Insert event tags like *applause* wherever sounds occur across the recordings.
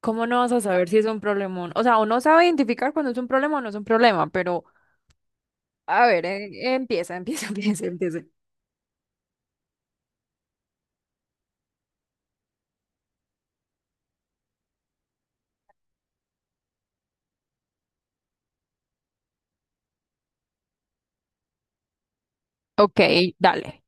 ¿Cómo no vas a saber si es un problemón? O sea, uno sabe identificar cuando es un problema o no es un problema, pero a ver, empieza, empieza, *laughs* empieza, empieza. Ok, dale.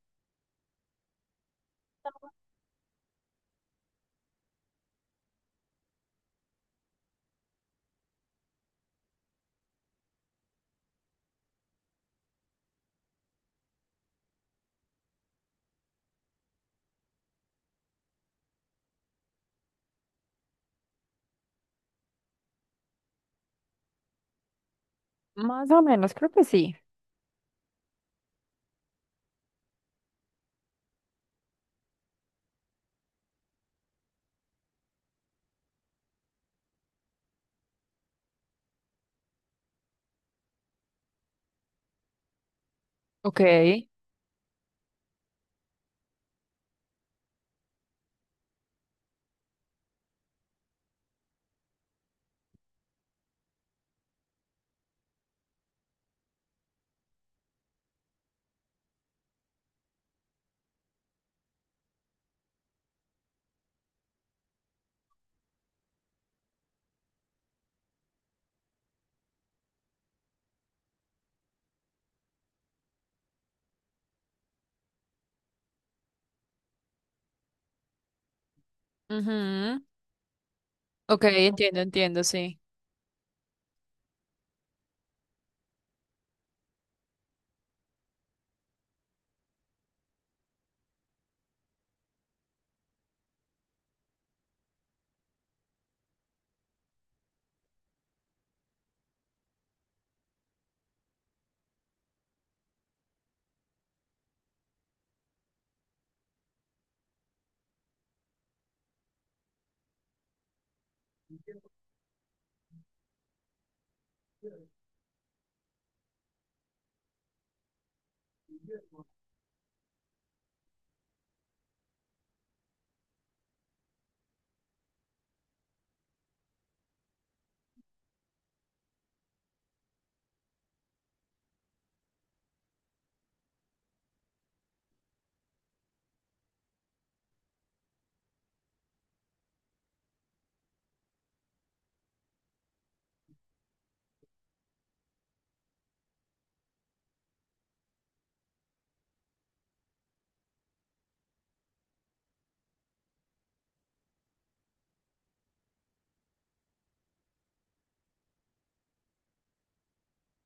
Más o menos, creo que sí. Ok. Ujú. Ok, entiendo, entiendo, sí.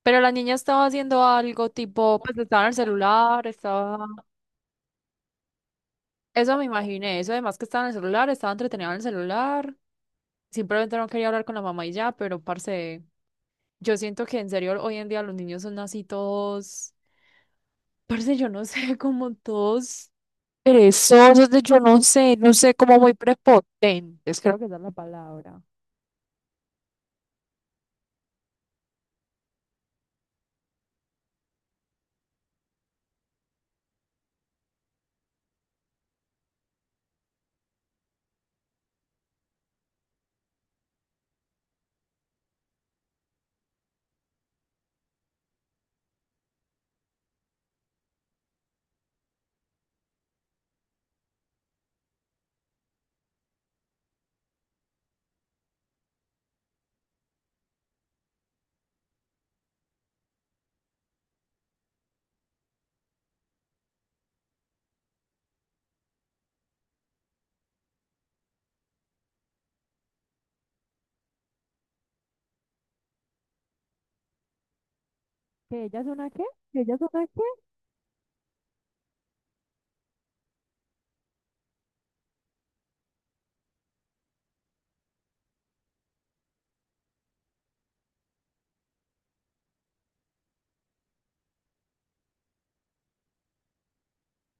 Pero la niña estaba haciendo algo tipo, pues estaba en el celular, estaba... Eso me imaginé, eso además que estaba en el celular, estaba entretenida en el celular. Simplemente no quería hablar con la mamá y ya, pero parce, yo siento que en serio hoy en día los niños son así todos... Parce, yo no sé, como todos perezosos, de yo no sé, no sé, como muy prepotentes, creo que esa es la palabra. ¿Que ella es una qué? ¿Que ella es una qué?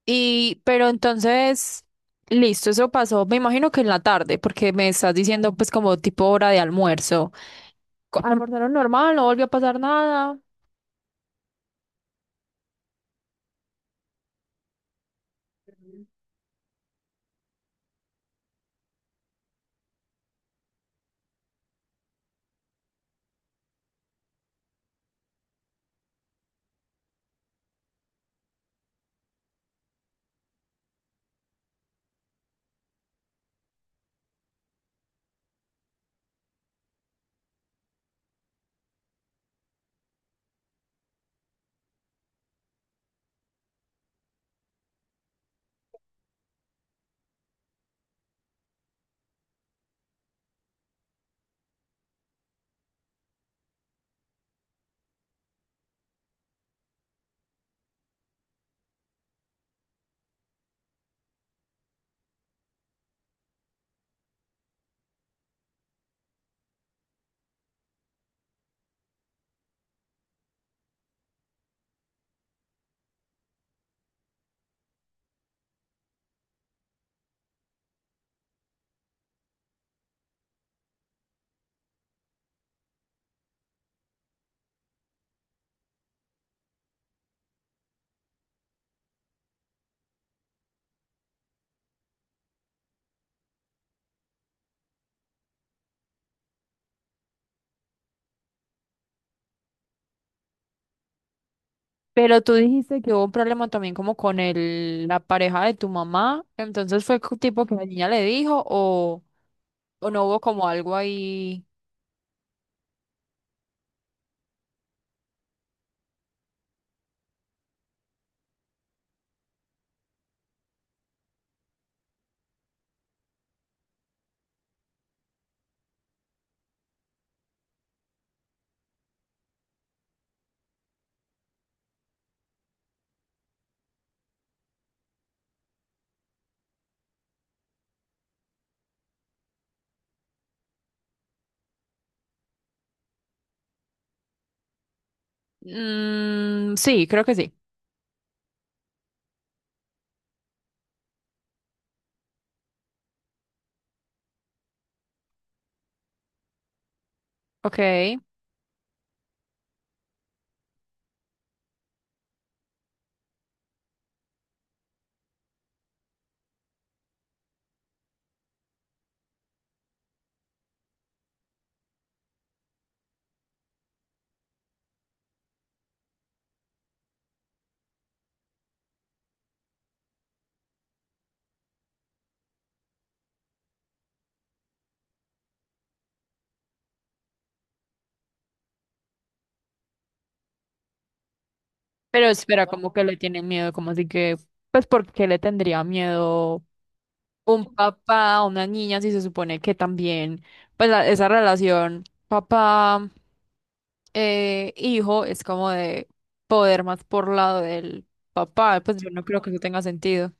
Y, pero entonces, listo, eso pasó, me imagino que en la tarde, porque me estás diciendo pues como tipo hora de almuerzo. Co- almorzaron normal, no volvió a pasar nada, pero tú dijiste que hubo un problema también como con el, la pareja de tu mamá, entonces fue co- tipo que la niña le dijo o no hubo como algo ahí. Mm, sí, creo que sí. Ok. Pero espera, como que le tienen miedo, como así que, pues, ¿por qué le tendría miedo un papá a una niña si se supone que también, pues, la- esa relación papá, hijo es como de poder más por lado del papá? Pues yo no creo que eso tenga sentido.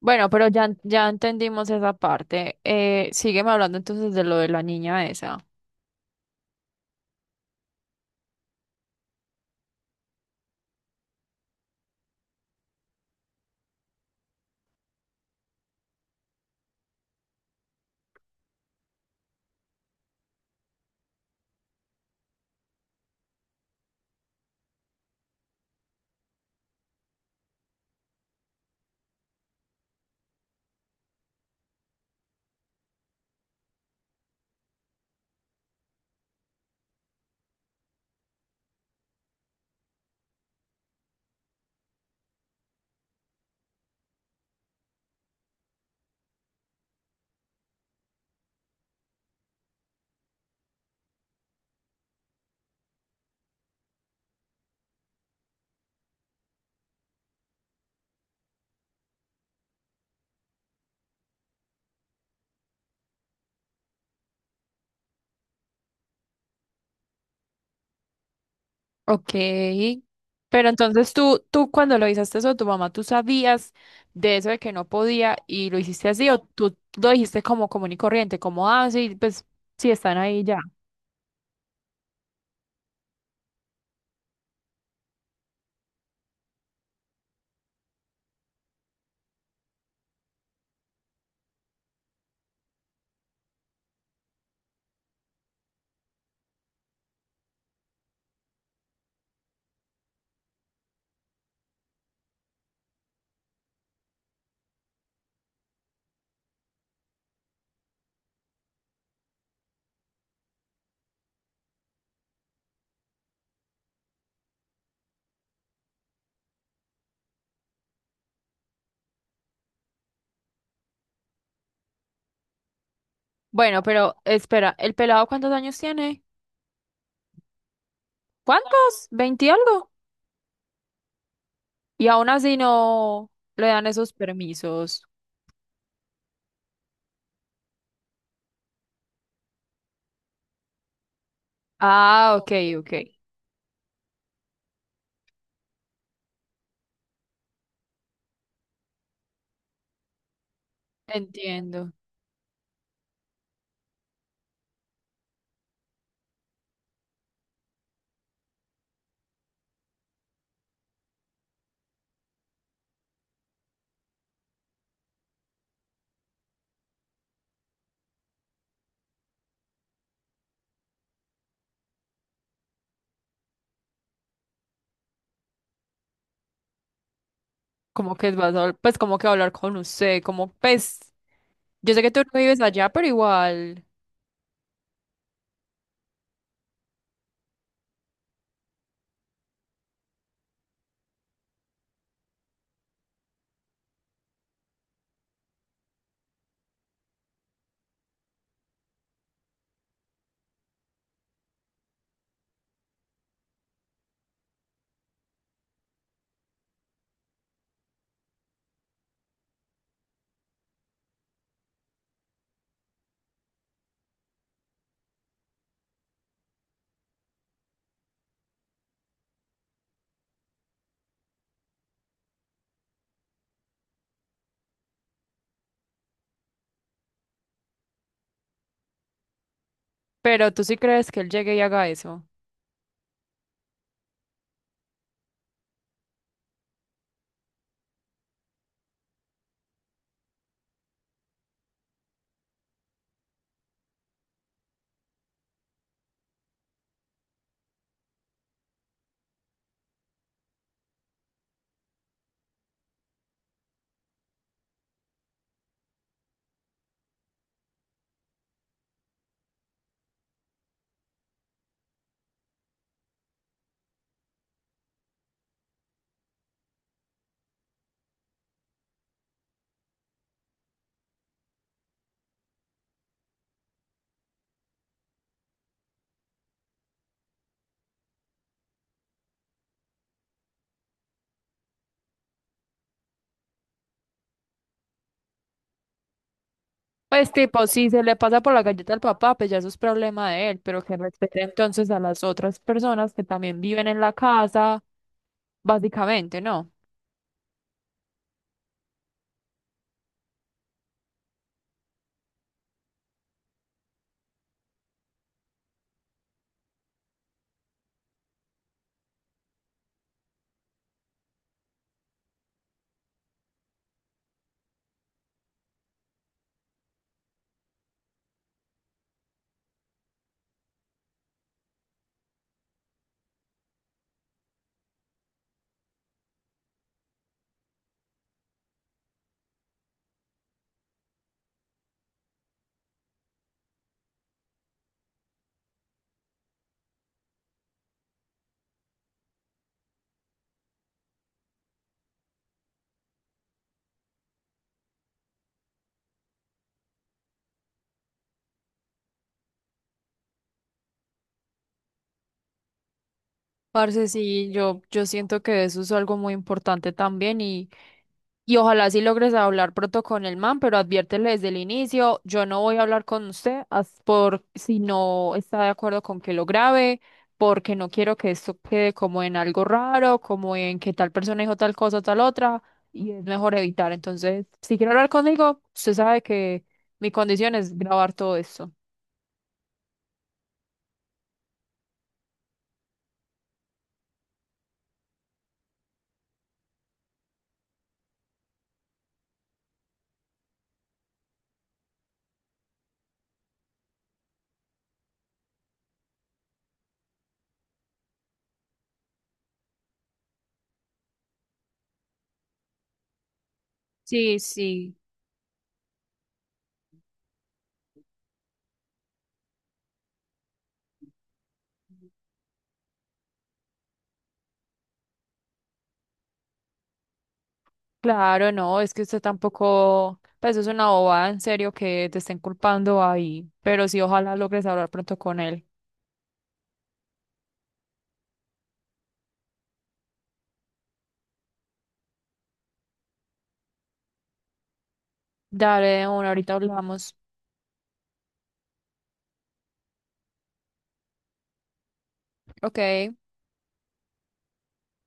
Bueno, pero ya, ya entendimos esa parte. Sígueme hablando entonces de lo de la niña esa. Ok, pero entonces tú cuando lo hiciste eso, tu mamá, ¿tú sabías de eso de que no podía y lo hiciste así o tú lo dijiste como común y corriente, como, ah, sí, pues sí están ahí ya? Bueno, pero espera, ¿el pelado cuántos años tiene? ¿Cuántos? ¿Veinte y algo? Y aún así no le dan esos permisos. Ah, ok, ok, entiendo. Como que vas a, pues como que hablar con usted, como, pues, yo sé que tú no vives allá, pero igual. Pero tú sí crees que él llegue y haga eso. Pues tipo, si se le pasa por la galleta al papá, pues ya eso es problema de él, pero que respete entonces a las otras personas que también viven en la casa, básicamente, ¿no? Parce, sí, yo siento que eso es algo muy importante también y ojalá sí logres hablar pronto con el man, pero adviértele desde el inicio, yo no voy a hablar con usted as- por si no está de acuerdo con que lo grabe, porque no quiero que esto quede como en algo raro, como en que tal persona dijo tal cosa, tal otra, y es mejor evitar. Entonces, si quiere hablar conmigo, usted sabe que mi condición es grabar todo esto. Sí, sí. Claro, no, es que usted tampoco, pues es una bobada en serio que te estén culpando ahí, pero sí, ojalá logres hablar pronto con él. Dale, de una, ahorita hablamos. Ok.